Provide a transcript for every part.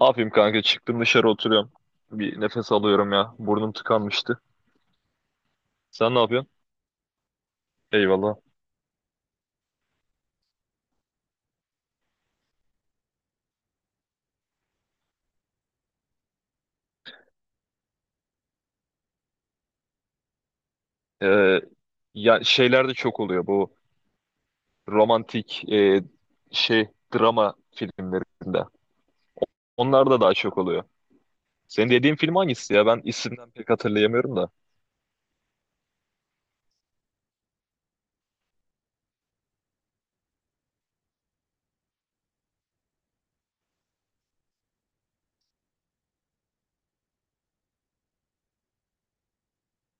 Ne yapayım kanka? Çıktım dışarı oturuyorum. Bir nefes alıyorum ya. Burnum tıkanmıştı. Sen ne yapıyorsun? Eyvallah. Ee, ya şeyler de çok oluyor bu romantik şey drama filmlerinde. Onlar da daha çok oluyor. Senin dediğin film hangisi ya? Ben isimden pek hatırlayamıyorum da.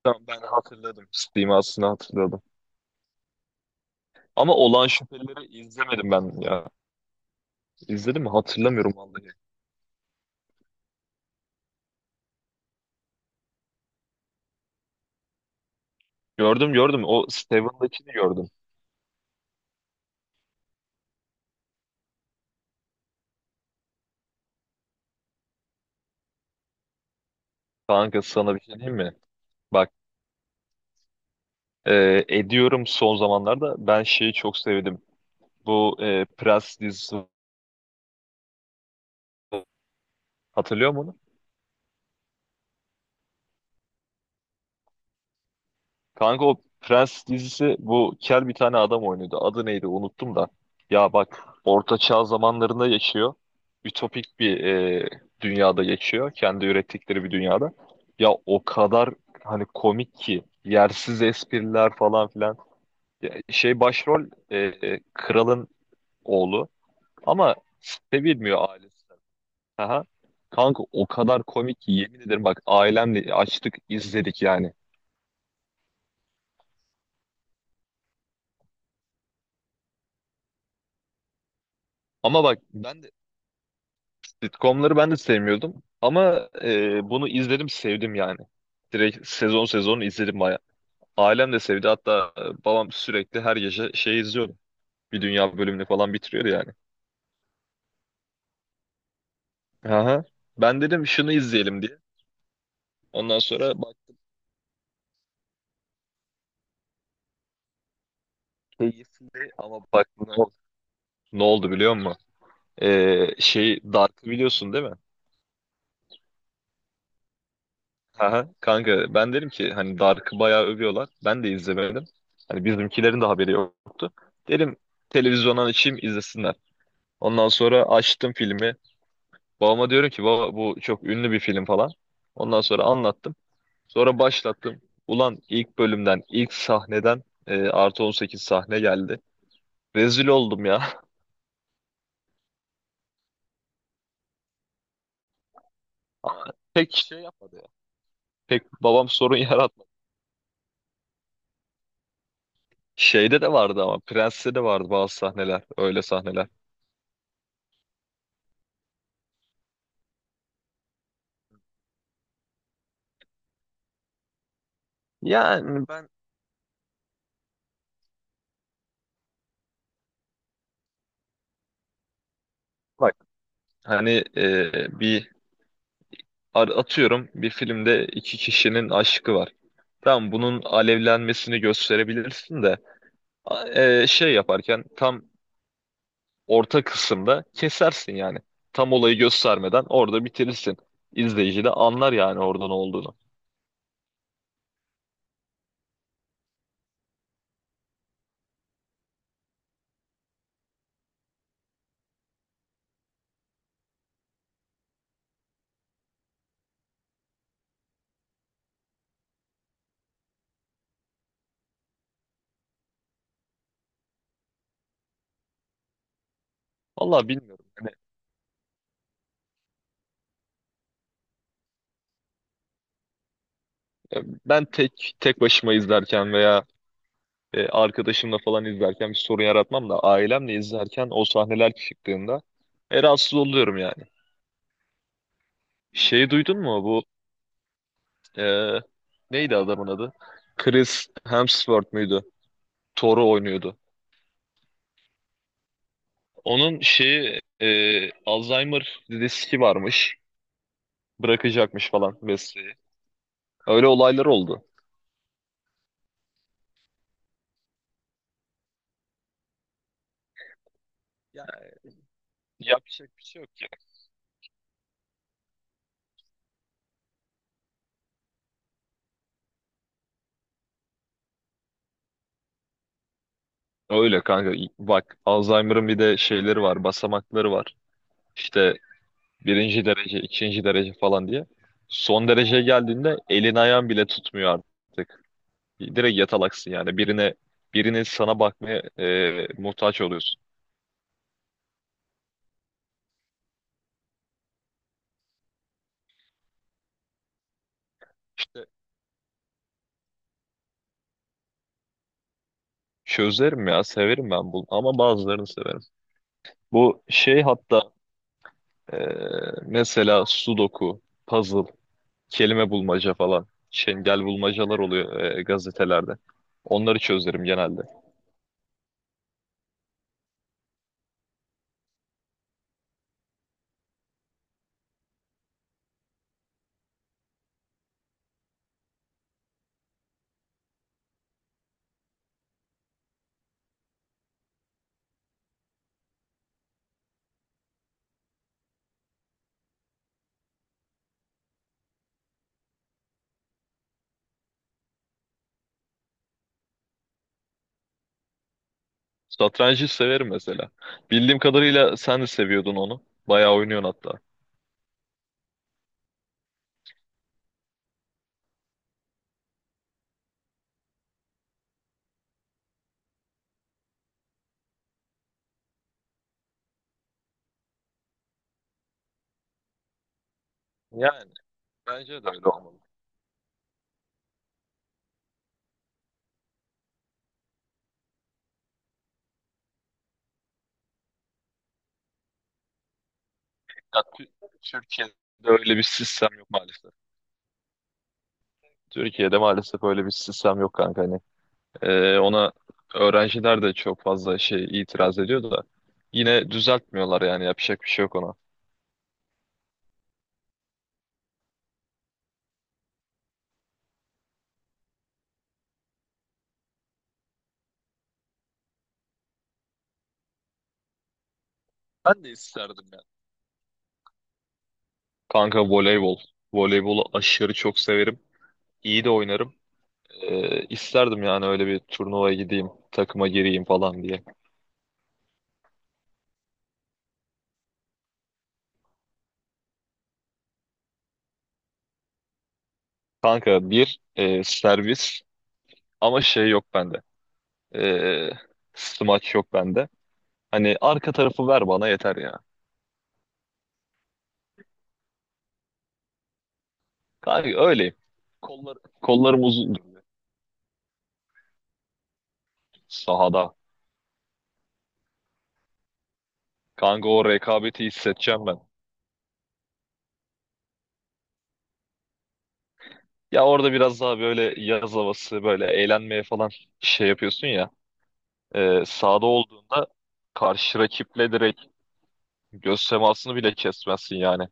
Tamam ben hatırladım. Simasını hatırladım. Ama Olağan Şüphelileri izlemedim ben ya. İzledim mi? Hatırlamıyorum vallahi. Gördüm gördüm. O Steven'dakini gördüm. Kanka sana bir şey diyeyim mi? Bak, ediyorum son zamanlarda. Ben şeyi çok sevdim. Bu Prens dizisi, hatırlıyor musun onu? Kanka o Prens dizisi bu kel bir tane adam oynuyordu. Adı neydi unuttum da. Ya bak, Orta Çağ zamanlarında yaşıyor. Ütopik bir dünyada geçiyor. Kendi ürettikleri bir dünyada. Ya o kadar hani komik ki. Yersiz espriler falan filan. Ya şey başrol kralın oğlu. Ama sevilmiyor ailesi. Aha. Kanka o kadar komik ki yemin ederim bak ailemle açtık izledik yani. Ama bak ben de sitcomları ben de sevmiyordum ama bunu izledim sevdim yani. Direkt sezon sezon izledim baya. Ailem de sevdi hatta babam sürekli her gece şey izliyordu. Bir dünya bölümünü falan bitiriyordu yani. Aha. Ben dedim şunu izleyelim diye. Ondan sonra bak, keyifli ama bak ne oldu, ne oldu biliyor musun? Şey Dark'ı biliyorsun değil mi? Aha, kanka ben derim ki hani Dark'ı bayağı övüyorlar. Ben de izlemedim. Hani bizimkilerin de haberi yoktu. Derim televizyondan açayım izlesinler. Ondan sonra açtım filmi. Babama diyorum ki baba bu çok ünlü bir film falan. Ondan sonra anlattım. Sonra başlattım. Ulan ilk bölümden, ilk sahneden +18 sahne geldi. Rezil oldum ya. Ama pek şey yapmadı ya. Pek babam sorun yaratmadı. Şeyde de vardı ama Prens'te de vardı bazı sahneler. Öyle sahneler. Yani ben... Hani bir atıyorum bir filmde iki kişinin aşkı var. Tamam bunun alevlenmesini gösterebilirsin de şey yaparken tam orta kısımda kesersin yani. Tam olayı göstermeden orada bitirirsin. İzleyici de anlar yani orada ne olduğunu. Vallahi bilmiyorum. Hani, ben tek tek başıma izlerken veya arkadaşımla falan izlerken bir sorun yaratmam da ailemle izlerken o sahneler çıktığında rahatsız oluyorum yani. Şey duydun mu? Ee, neydi adamın adı? Chris Hemsworth muydu? Thor'u oynuyordu. Onun şeyi Alzheimer riski varmış. Bırakacakmış falan mesleği. Öyle olaylar oldu. Ya, yapacak bir şey yok ya. Öyle kanka. Bak, Alzheimer'ın bir de şeyleri var. Basamakları var. İşte birinci derece, ikinci derece falan diye. Son dereceye geldiğinde elin ayağın bile tutmuyor artık. Direkt yatalaksın yani. Birinin sana bakmaya muhtaç oluyorsun. Çözerim ya severim ben bunu ama bazılarını severim. Bu şey hatta e, mesela sudoku, puzzle, kelime bulmaca falan, çengel bulmacalar oluyor gazetelerde. Onları çözerim genelde. Satrancı severim mesela. Bildiğim kadarıyla sen de seviyordun onu. Bayağı oynuyorsun hatta. Yani bence de öyle olmalı. Ya, Türkiye'de öyle bir sistem yok maalesef. Türkiye'de maalesef öyle bir sistem yok kanka. Hani, ona öğrenciler de çok fazla şey itiraz ediyor da yine düzeltmiyorlar yani yapacak bir şey yok ona. Ben de isterdim yani. Kanka voleybol. Voleybolu aşırı çok severim. İyi de oynarım. İsterdim yani öyle bir turnuvaya gideyim, takıma gireyim falan diye. Kanka bir servis ama şey yok bende. Ee, smaç yok bende. Hani arka tarafı ver bana yeter ya. Kanka öyleyim. Kollarım uzun sahada. Kanka o rekabeti hissedeceğim ben. Ya orada biraz daha böyle yaz havası böyle eğlenmeye falan şey yapıyorsun ya. Sahada olduğunda karşı rakiple direkt göz temasını bile kesmezsin yani.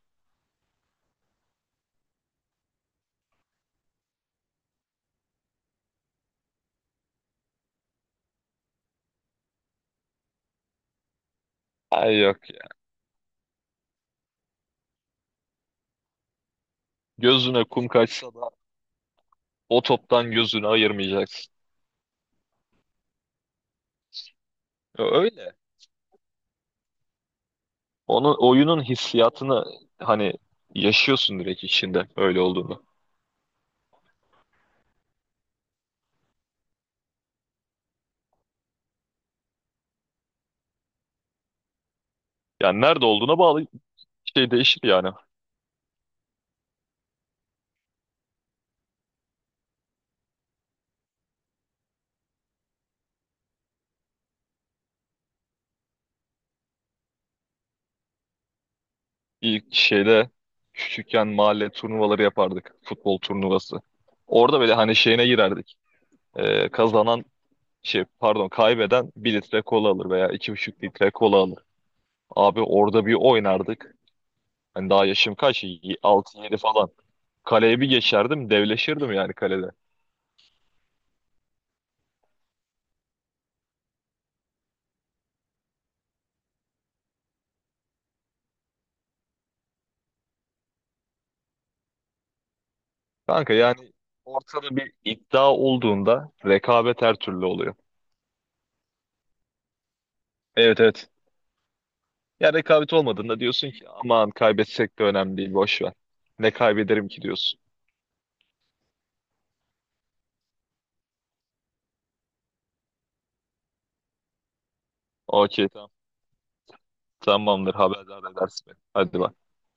Ay yok ya. Gözüne kum kaçsa da o toptan gözünü ayırmayacaksın. Ya, öyle. Onun oyunun hissiyatını hani yaşıyorsun direkt içinde öyle olduğunu. Yani nerede olduğuna bağlı şey değişir yani. İlk şeyde küçükken mahalle turnuvaları yapardık. Futbol turnuvası. Orada böyle hani şeyine girerdik. Kazanan şey pardon kaybeden bir litre kola alır veya 2,5 litre kola alır. Abi orada bir oynardık. Hani daha yaşım kaç? 6 yedi falan. Kaleye bir geçerdim devleşirdim yani kalede. Kanka yani ortada bir iddia olduğunda rekabet her türlü oluyor. Evet evet. Ya rekabet olmadığında diyorsun ki aman kaybetsek de önemli değil boş ver. Ne kaybederim ki diyorsun. Okey tamam. Tamamdır haberdar edersin beni. Hadi bak.